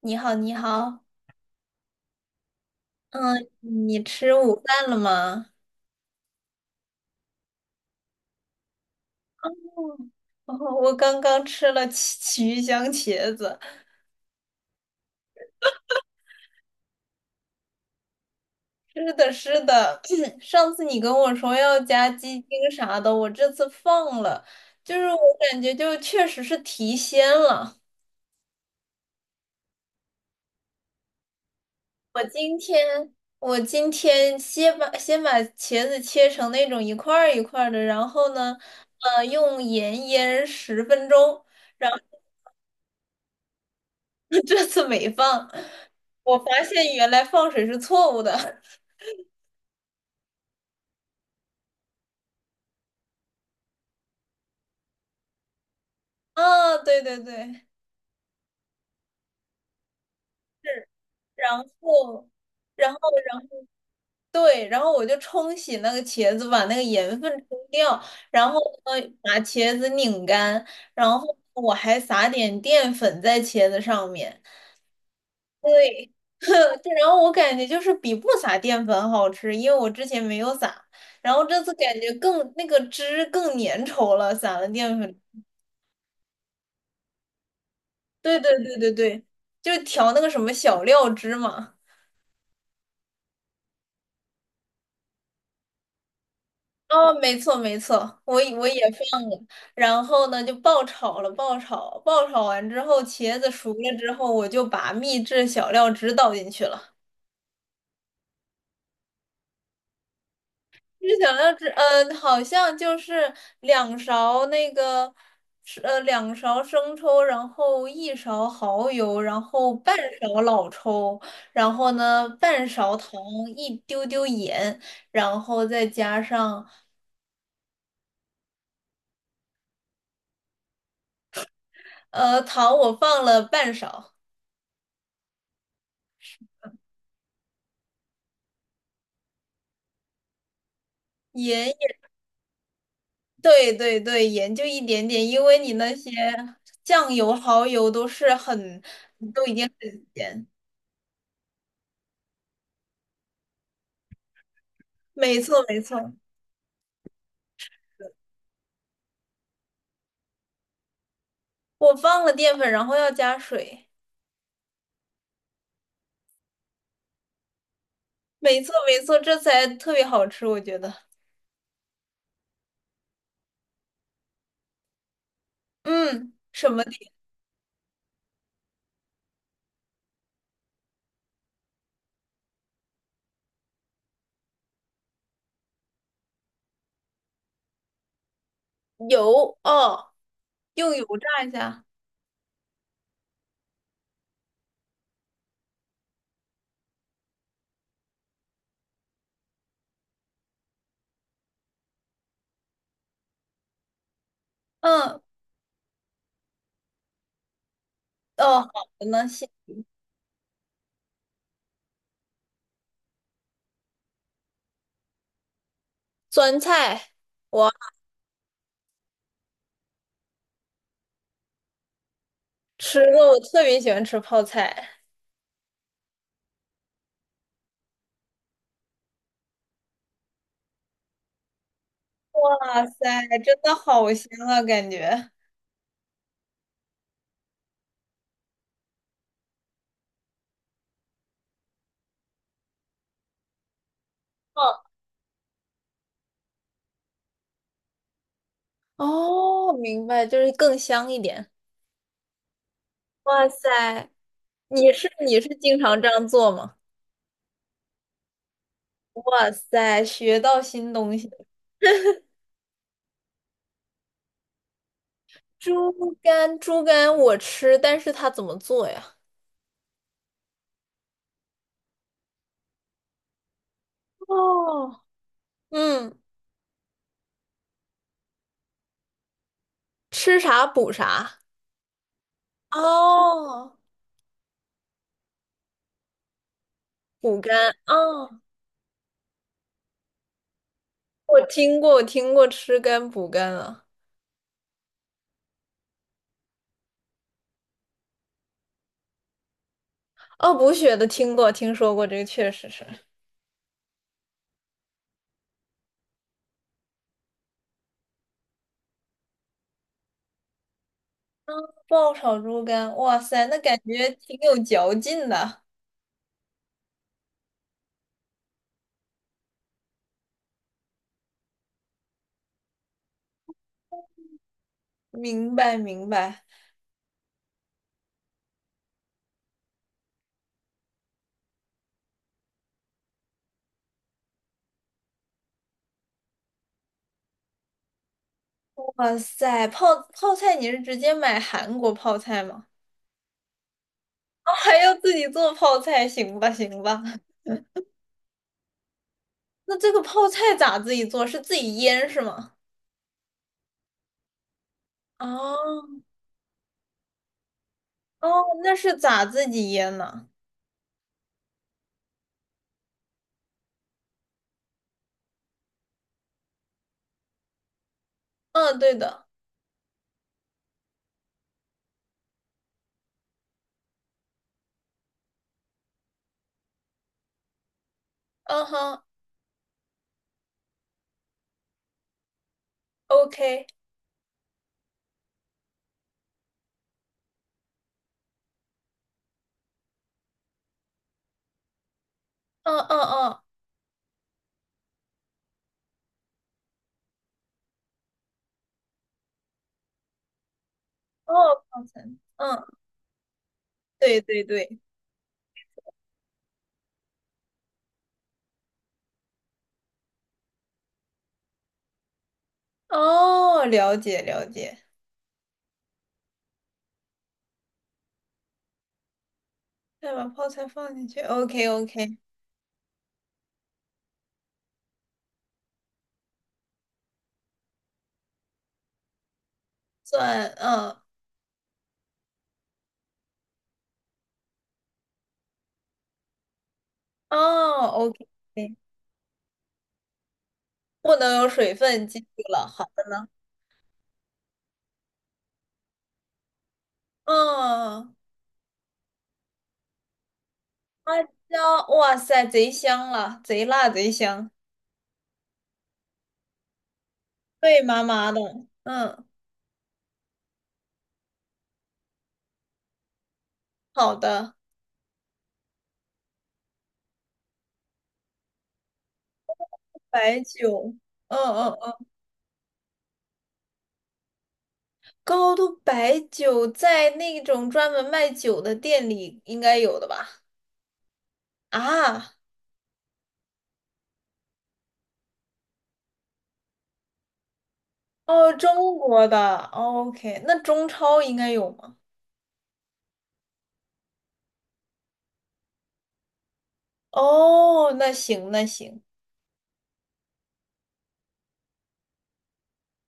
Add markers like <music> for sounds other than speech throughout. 你好，你好。嗯，你吃午饭了吗？嗯，<laughs> 哦，我刚刚吃了奇奇鱼香茄子。是的，是的，<clears throat> 上次你跟我说要加鸡精啥的，我这次放了，就是我感觉就确实是提鲜了。我今天我今天先把茄子切成那种一块儿一块儿的，然后呢，用盐腌十分钟。<laughs> 这次没放。我发现原来放水是错误的。<laughs> 啊，对对对，是。然后，然后对，然后我就冲洗那个茄子，把那个盐分冲掉，然后呢，把茄子拧干，然后我还撒点淀粉在茄子上面。对，<laughs> 对，然后我感觉就是比不撒淀粉好吃，因为我之前没有撒，然后这次感觉更那个汁更粘稠了，撒了淀粉。对对对对对，就调那个什么小料汁嘛。哦，没错没错，我也放，然后呢就爆炒了，爆炒，爆炒完之后，茄子熟了之后，我就把秘制小料汁倒进去了。秘制小料汁，嗯、好像就是两勺那个，是两勺生抽，然后一勺蚝油，然后半勺老抽，然后呢半勺糖，一丢丢盐，然后再加上。糖我放了半勺，盐也，对对对，盐就一点点，因为你那些酱油、蚝油都是很，都已经很咸。没错没错，我放了淀粉，然后要加水。没错没错，这才特别好吃，我觉得。嗯，什么底油？哦，用油炸一下。嗯，哦，好的呢，谢。酸菜，我吃过，我特别喜欢吃泡菜。哇塞，真的好香啊，感觉。嗯。哦，明白，就是更香一点。哇塞，你是经常这样做吗？哇塞，学到新东西了。猪肝，猪肝我吃，但是它怎么做呀？哦，嗯，吃啥补啥。哦，补肝。哦，我听过，我听过吃肝补肝啊。哦，补血的听过，听说过，这个确实是。爆炒猪肝，哇塞，那感觉挺有嚼劲的。明白，明白。哇塞，泡菜你是直接买韩国泡菜吗？哦，还要自己做泡菜，行吧行吧。那这个泡菜咋自己做？是自己腌是吗？哦哦，那是咋自己腌呢？嗯，对的。嗯哼，OK。嗯嗯嗯，哦，泡菜。嗯，对对对。哦，了解了解。再把泡菜放进去。OK OK。蒜，嗯，哦，OK。不能有水分进去了，好。的。嗯。嗯嗯，辣椒，哇塞，贼香了，贼辣贼香，脆麻麻的。嗯，好的，白酒，嗯嗯嗯，高度白酒在那种专门卖酒的店里应该有的吧？啊，哦，中国的，OK，那中超应该有吗？哦，那行那行，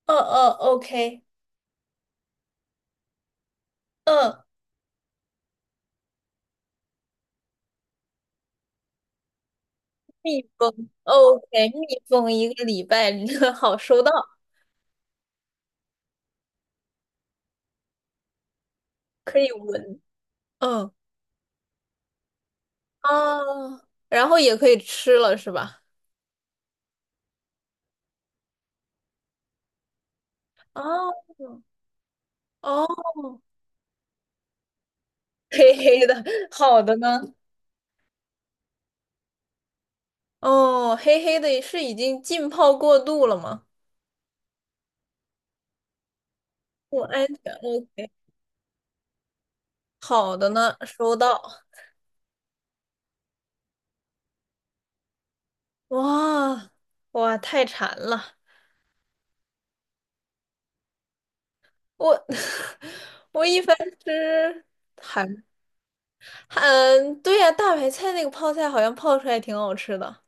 嗯嗯，OK，嗯，密封，OK，密封一个礼拜，<laughs> 好收到，可以闻。嗯。哦，然后也可以吃了是吧？哦哦，黑黑的，好的呢？哦，黑黑的是已经浸泡过度了吗？不安全。哦，好的呢，收到。哇，哇，太馋了！我 <laughs> 我一般吃韩，对呀、大白菜那个泡菜好像泡出来挺好吃的。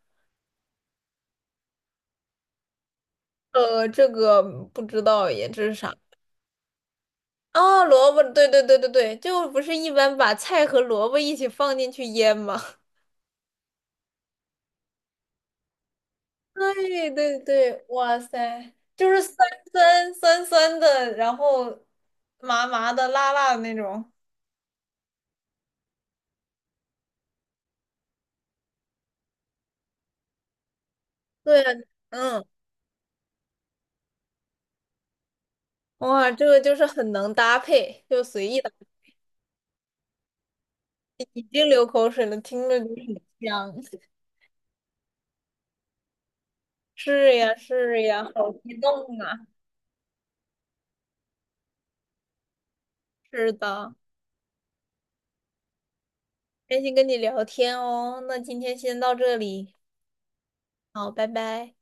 这个不知道耶，这是啥？哦，萝卜，对对对对对，就不是一般把菜和萝卜一起放进去腌吗？<laughs> 对对对，哇塞，就是酸酸酸酸的，然后麻麻的、辣辣的那种。对，嗯，哇，这个就是很能搭配，就随意搭配，已经流口水了，听着就很香。<laughs> 是呀，是呀，好激动啊！是的，开心跟你聊天哦，那今天先到这里，好，拜拜。